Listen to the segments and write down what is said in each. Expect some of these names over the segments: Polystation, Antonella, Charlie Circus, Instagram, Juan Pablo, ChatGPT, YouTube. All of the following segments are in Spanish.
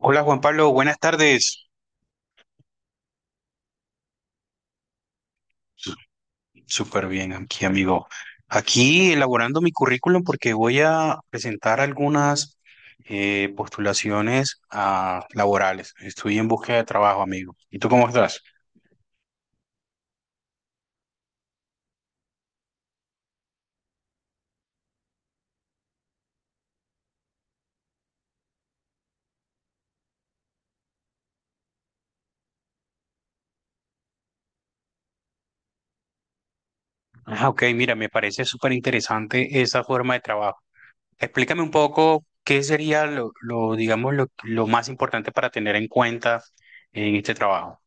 Hola Juan Pablo, buenas tardes. Su- Súper bien aquí, amigo. Aquí elaborando mi currículum porque voy a presentar algunas postulaciones laborales. Estoy en búsqueda de trabajo, amigo. ¿Y tú cómo estás? Ah, ok, mira, me parece súper interesante esa forma de trabajo. Explícame un poco qué sería lo, digamos, lo más importante para tener en cuenta en este trabajo.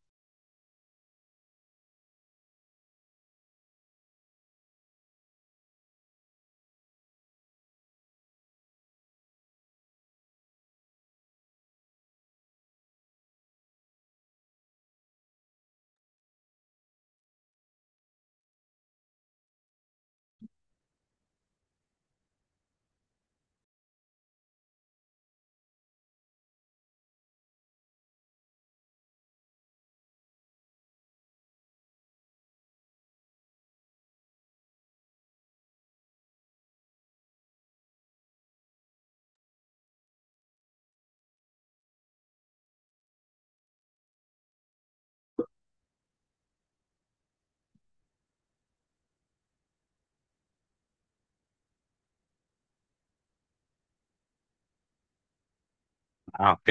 Ah, ok,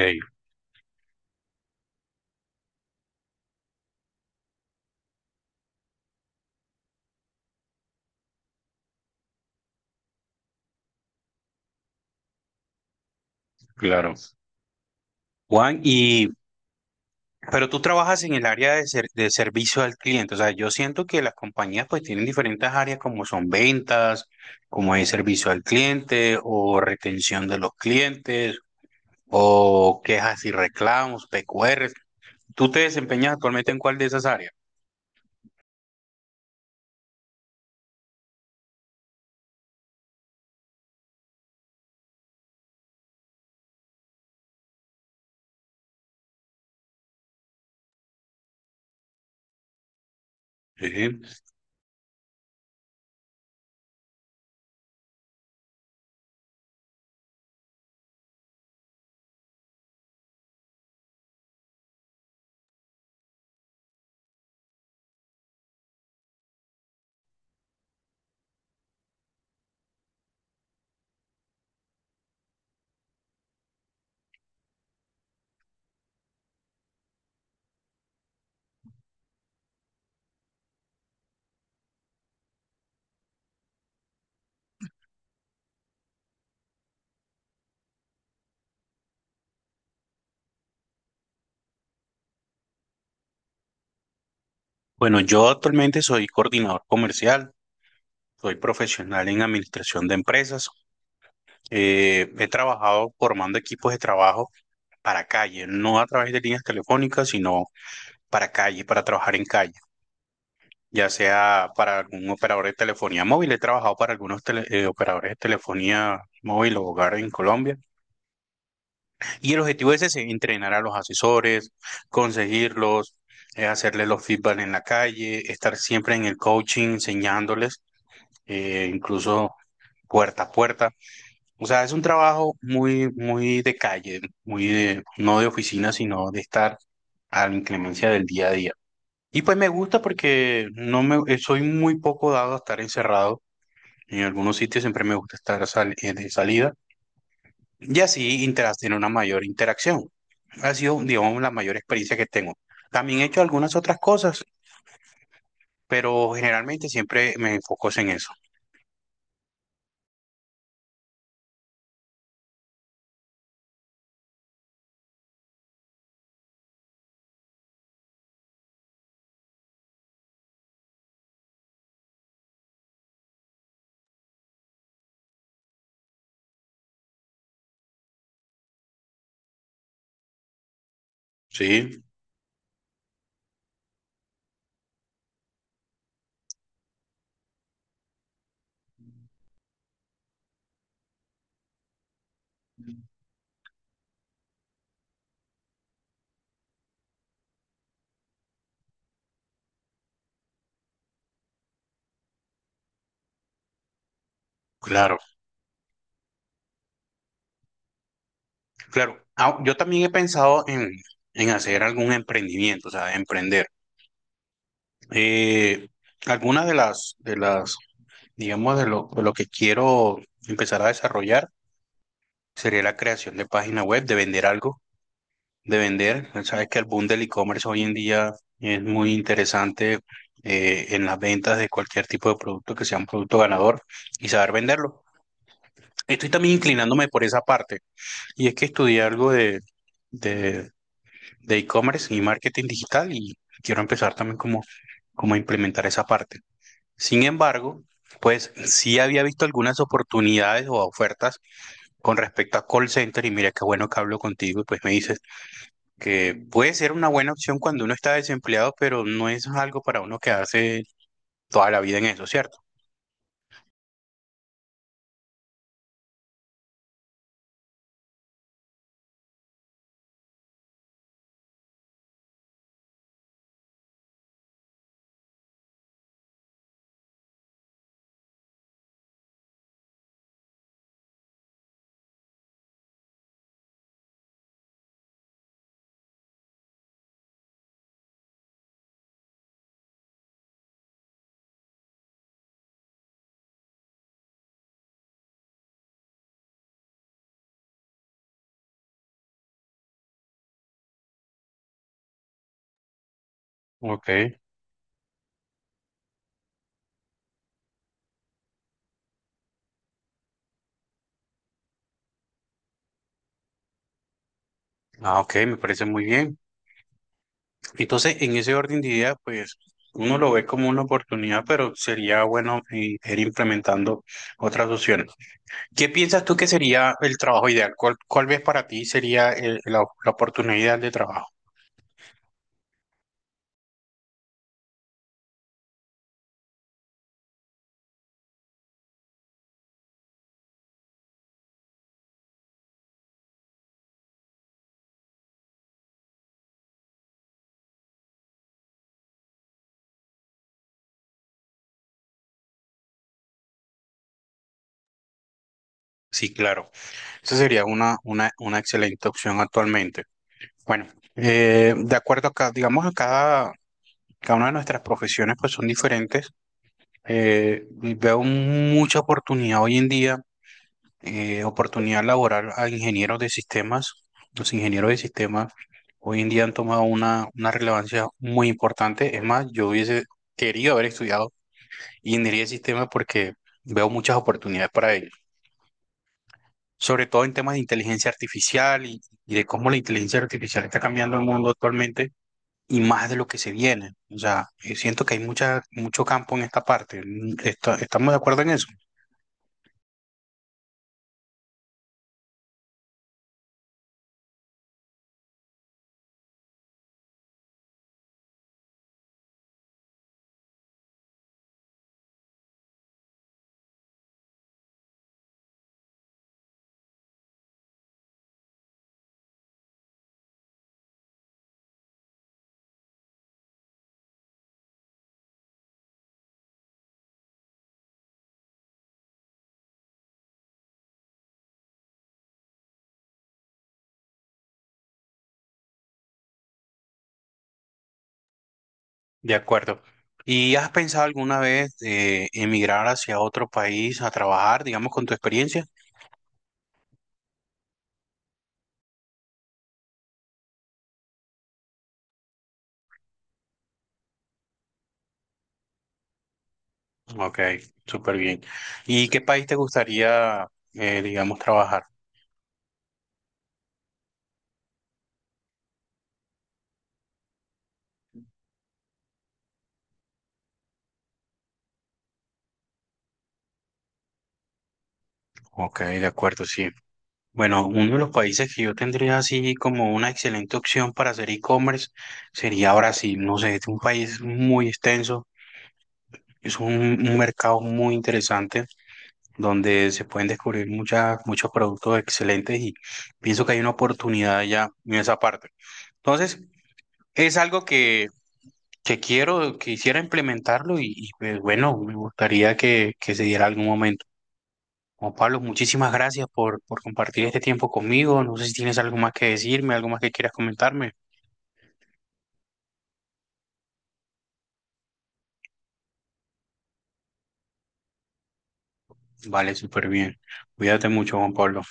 claro. Juan, pero tú trabajas en el área de, de servicio al cliente. O sea, yo siento que las compañías pues tienen diferentes áreas como son ventas, como es servicio al cliente o retención de los clientes o quejas y reclamos, PQRs. ¿Tú te desempeñas actualmente en cuál de esas áreas? Sí. Bueno, yo actualmente soy coordinador comercial, soy profesional en administración de empresas. He trabajado formando equipos de trabajo para calle, no a través de líneas telefónicas, sino para calle, para trabajar en calle, ya sea para algún operador de telefonía móvil. He trabajado para algunos operadores de telefonía móvil o hogar en Colombia. Y el objetivo es ese: entrenar a los asesores, conseguirlos, hacerles los feedback en la calle, estar siempre en el coaching, enseñándoles, incluso puerta a puerta. O sea, es un trabajo muy de calle, muy de, no de oficina, sino de estar a la inclemencia del día a día. Y pues me gusta porque no me, soy muy poco dado a estar encerrado. En algunos sitios siempre me gusta estar de salida y así tener una mayor interacción. Ha sido, digamos, la mayor experiencia que tengo. También he hecho algunas otras cosas, pero generalmente siempre me enfoco en eso. Sí, claro, claro. Ah, yo también he pensado en hacer algún emprendimiento, o sea, emprender. Eh, algunas de las, digamos, de lo que quiero empezar a desarrollar sería la creación de página web, de vender algo, de vender. Sabes que el boom del e-commerce hoy en día es muy interesante en las ventas de cualquier tipo de producto que sea un producto ganador y saber venderlo. Estoy también inclinándome por esa parte y es que estudié algo de, de e-commerce y marketing digital y quiero empezar también como a implementar esa parte. Sin embargo, pues sí había visto algunas oportunidades o ofertas con respecto a call center y mira qué bueno que hablo contigo y pues me dices que puede ser una buena opción cuando uno está desempleado, pero no es algo para uno quedarse toda la vida en eso, ¿cierto? Ok. Ah, ok, me parece muy bien. Entonces, en ese orden de ideas, pues uno lo ve como una oportunidad, pero sería bueno ir implementando otras opciones. ¿Qué piensas tú que sería el trabajo ideal? ¿Cuál ves para ti sería la oportunidad ideal de trabajo? Sí, claro. Esa sería una excelente opción actualmente. Bueno, de acuerdo a cada, digamos, a cada, cada una de nuestras profesiones pues son diferentes. Y veo mucha oportunidad hoy en día, oportunidad laboral a ingenieros de sistemas. Los ingenieros de sistemas hoy en día han tomado una relevancia muy importante. Es más, yo hubiese querido haber estudiado ingeniería de sistemas porque veo muchas oportunidades para ellos. Sobre todo en temas de inteligencia artificial y de cómo la inteligencia artificial está cambiando el mundo actualmente y más de lo que se viene. O sea, siento que hay mucho campo en esta parte. ¿Estamos de acuerdo en eso? De acuerdo. ¿Y has pensado alguna vez emigrar hacia otro país a trabajar, digamos, con tu experiencia? Ok, súper bien. ¿Y qué país te gustaría, digamos, trabajar? Ok, de acuerdo, sí. Bueno, uno de los países que yo tendría así como una excelente opción para hacer e-commerce sería Brasil. No sé, es un país muy extenso, es un mercado muy interesante donde se pueden descubrir muchos productos excelentes y pienso que hay una oportunidad ya en esa parte. Entonces, es algo que quiero, quisiera implementarlo pues bueno, me gustaría que se diera algún momento. Juan Pablo, muchísimas gracias por compartir este tiempo conmigo. No sé si tienes algo más que decirme, algo más que quieras comentarme. Vale, súper bien. Cuídate mucho, Juan Pablo.